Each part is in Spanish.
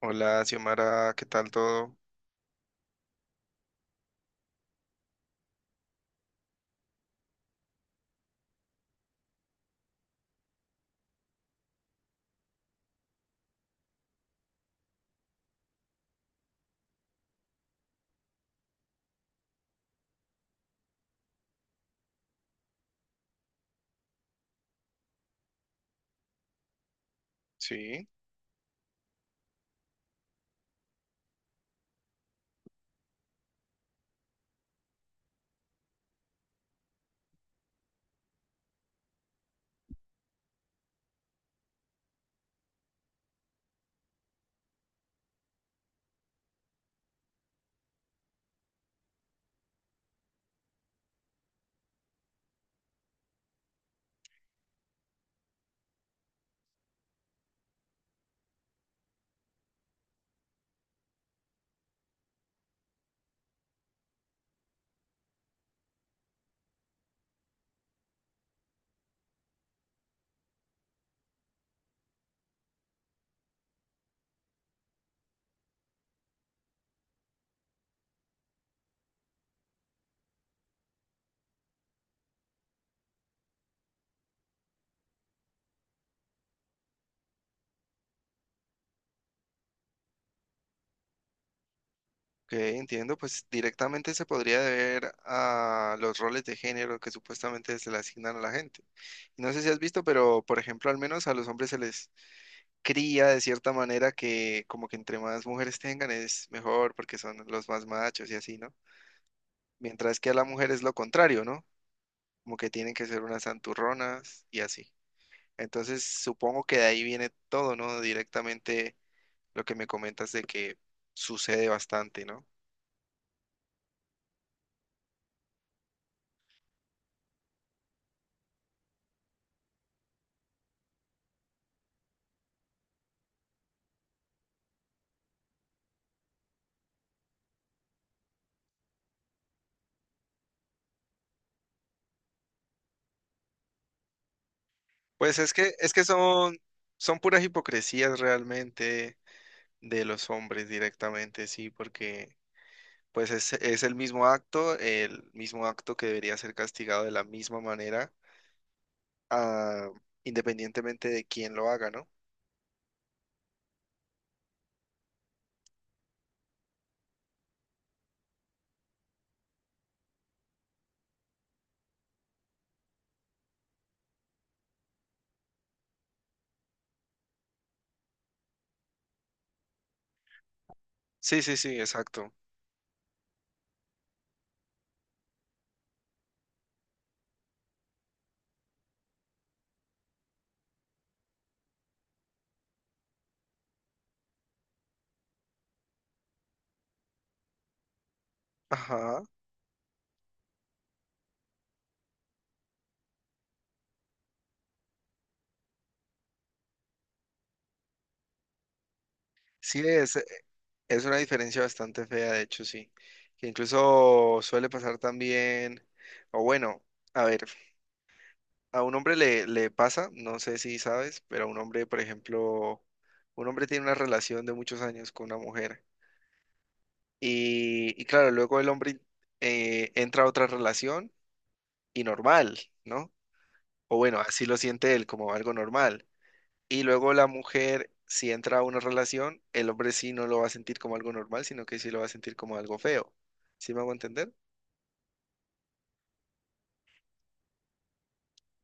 Hola, Xiomara, ¿qué tal todo? Sí, ok, entiendo. Pues directamente se podría deber a los roles de género que supuestamente se le asignan a la gente. Y no sé si has visto, pero por ejemplo, al menos a los hombres se les cría de cierta manera que como que entre más mujeres tengan es mejor porque son los más machos y así, ¿no? Mientras que a la mujer es lo contrario, ¿no? Como que tienen que ser unas santurronas y así. Entonces supongo que de ahí viene todo, ¿no? Directamente lo que me comentas de que sucede bastante, ¿no? Pues es que son, son puras hipocresías realmente de los hombres directamente, sí, porque pues es el mismo acto que debería ser castigado de la misma manera, ah, independientemente de quién lo haga, ¿no? Sí, sí, sí, exacto. Ajá. Sí, es una diferencia bastante fea, de hecho, sí. Que incluso suele pasar también, o bueno, a ver. A un hombre le, le pasa, no sé si sabes, pero a un hombre, por ejemplo, un hombre tiene una relación de muchos años con una mujer y claro, luego el hombre entra a otra relación y normal, ¿no? O bueno, así lo siente él como algo normal. Y luego la mujer, si entra a una relación, el hombre sí no lo va a sentir como algo normal, sino que sí lo va a sentir como algo feo. ¿Sí me hago entender?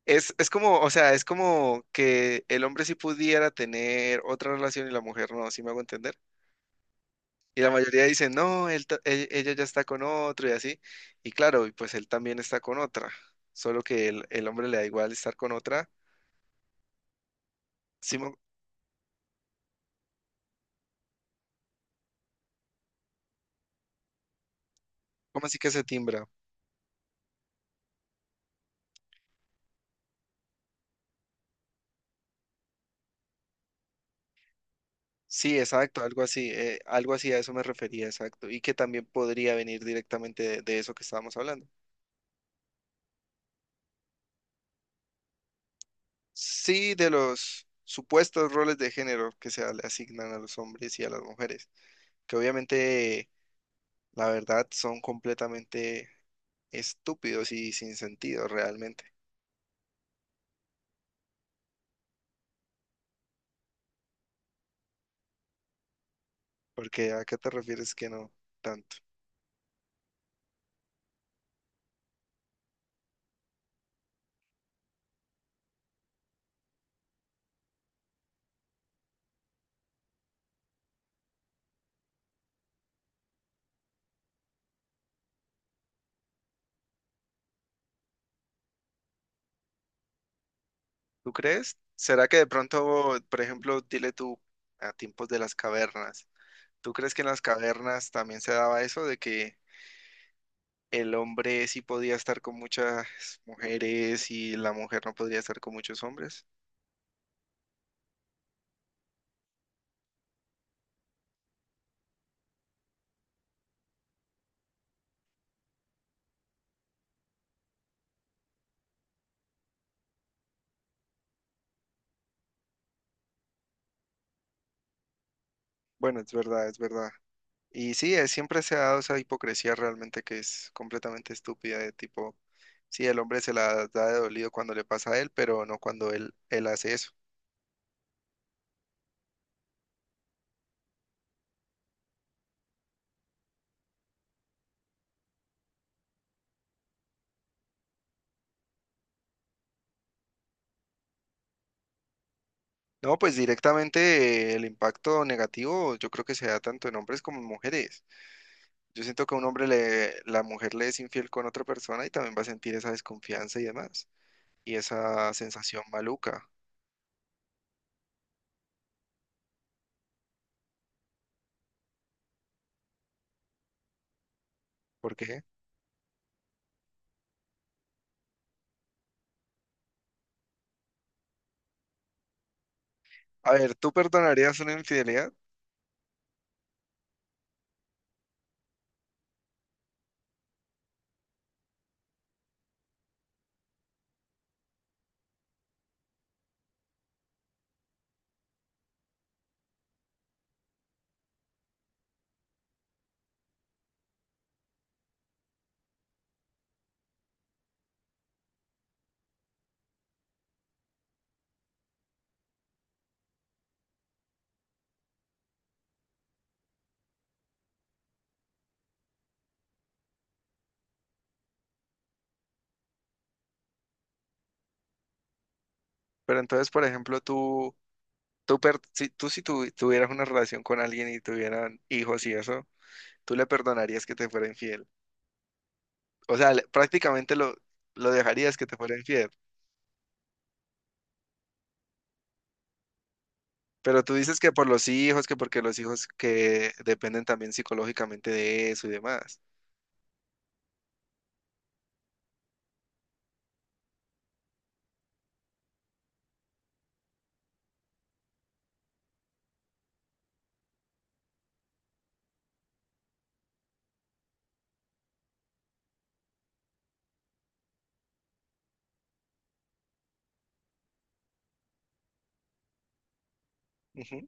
Es como, o sea, es como que el hombre sí pudiera tener otra relación y la mujer no, ¿sí me hago entender? Y la mayoría dicen, no, ella ya está con otro y así. Y claro, y pues él también está con otra. Solo que el hombre le da igual estar con otra. Sí, mo- ¿cómo así que se timbra? Sí, exacto, algo así a eso me refería, exacto. Y que también podría venir directamente de eso que estábamos hablando. Sí, de los supuestos roles de género que se le asignan a los hombres y a las mujeres, que obviamente, la verdad, son completamente estúpidos y sin sentido realmente. Porque ¿a qué te refieres que no tanto? ¿Tú crees? ¿Será que de pronto, por ejemplo, dile tú a tiempos de las cavernas, ¿tú crees que en las cavernas también se daba eso de que el hombre sí podía estar con muchas mujeres y la mujer no podría estar con muchos hombres? Bueno, es verdad, es verdad. Y sí, siempre se ha dado esa hipocresía realmente que es completamente estúpida de tipo, sí, el hombre se la da de dolido cuando le pasa a él, pero no cuando él hace eso. No, pues directamente el impacto negativo yo creo que se da tanto en hombres como en mujeres. Yo siento que a un hombre le, la mujer le es infiel con otra persona y también va a sentir esa desconfianza y demás, y esa sensación maluca. ¿Por qué? A ver, tú perdonarías una infidelidad, pero entonces, por ejemplo, tú, per- si, tú si tu- tuvieras una relación con alguien y tuvieran hijos y eso, ¿tú le perdonarías que te fuera infiel? O sea, le- prácticamente lo dejarías que te fuera infiel. Pero tú dices que por los hijos, que porque los hijos que dependen también psicológicamente de eso y demás. Ujú. O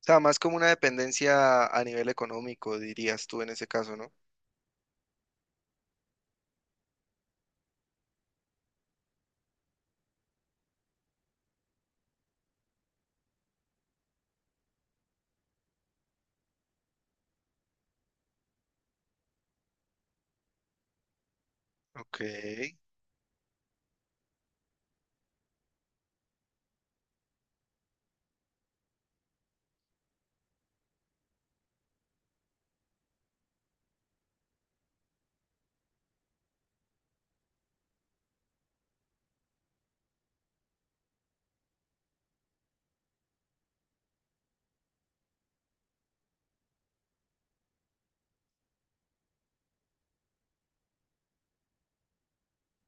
sea, más como una dependencia a nivel económico, dirías tú en ese caso, ¿no? Ok,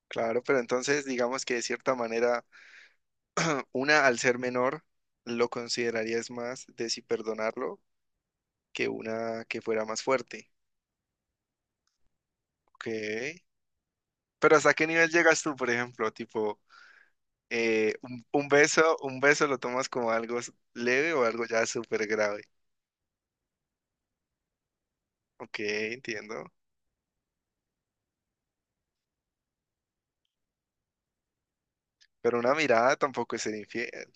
claro, pero entonces digamos que de cierta manera, una al ser menor, lo considerarías más de si perdonarlo que una que fuera más fuerte. Ok, pero ¿hasta qué nivel llegas tú, por ejemplo? Tipo, un beso lo tomas como algo s- leve o algo ya súper grave. Ok, entiendo. Pero una mirada tampoco es ser infiel.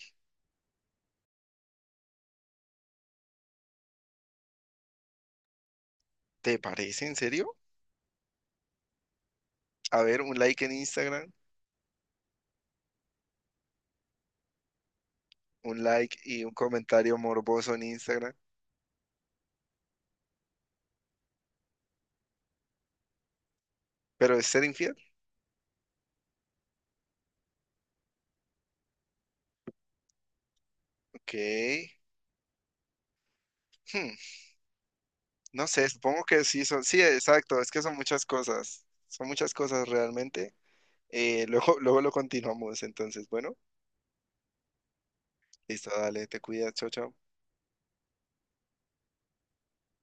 ¿Te parece en serio? A ver, un like en Instagram, un like y un comentario morboso en Instagram. ¿Pero es ser infiel? Ok. Hmm, no sé, supongo que sí son. Sí, exacto. Es que son muchas cosas. Son muchas cosas realmente. Luego, luego lo continuamos. Entonces, bueno, listo, dale, te cuidas, chao, chao.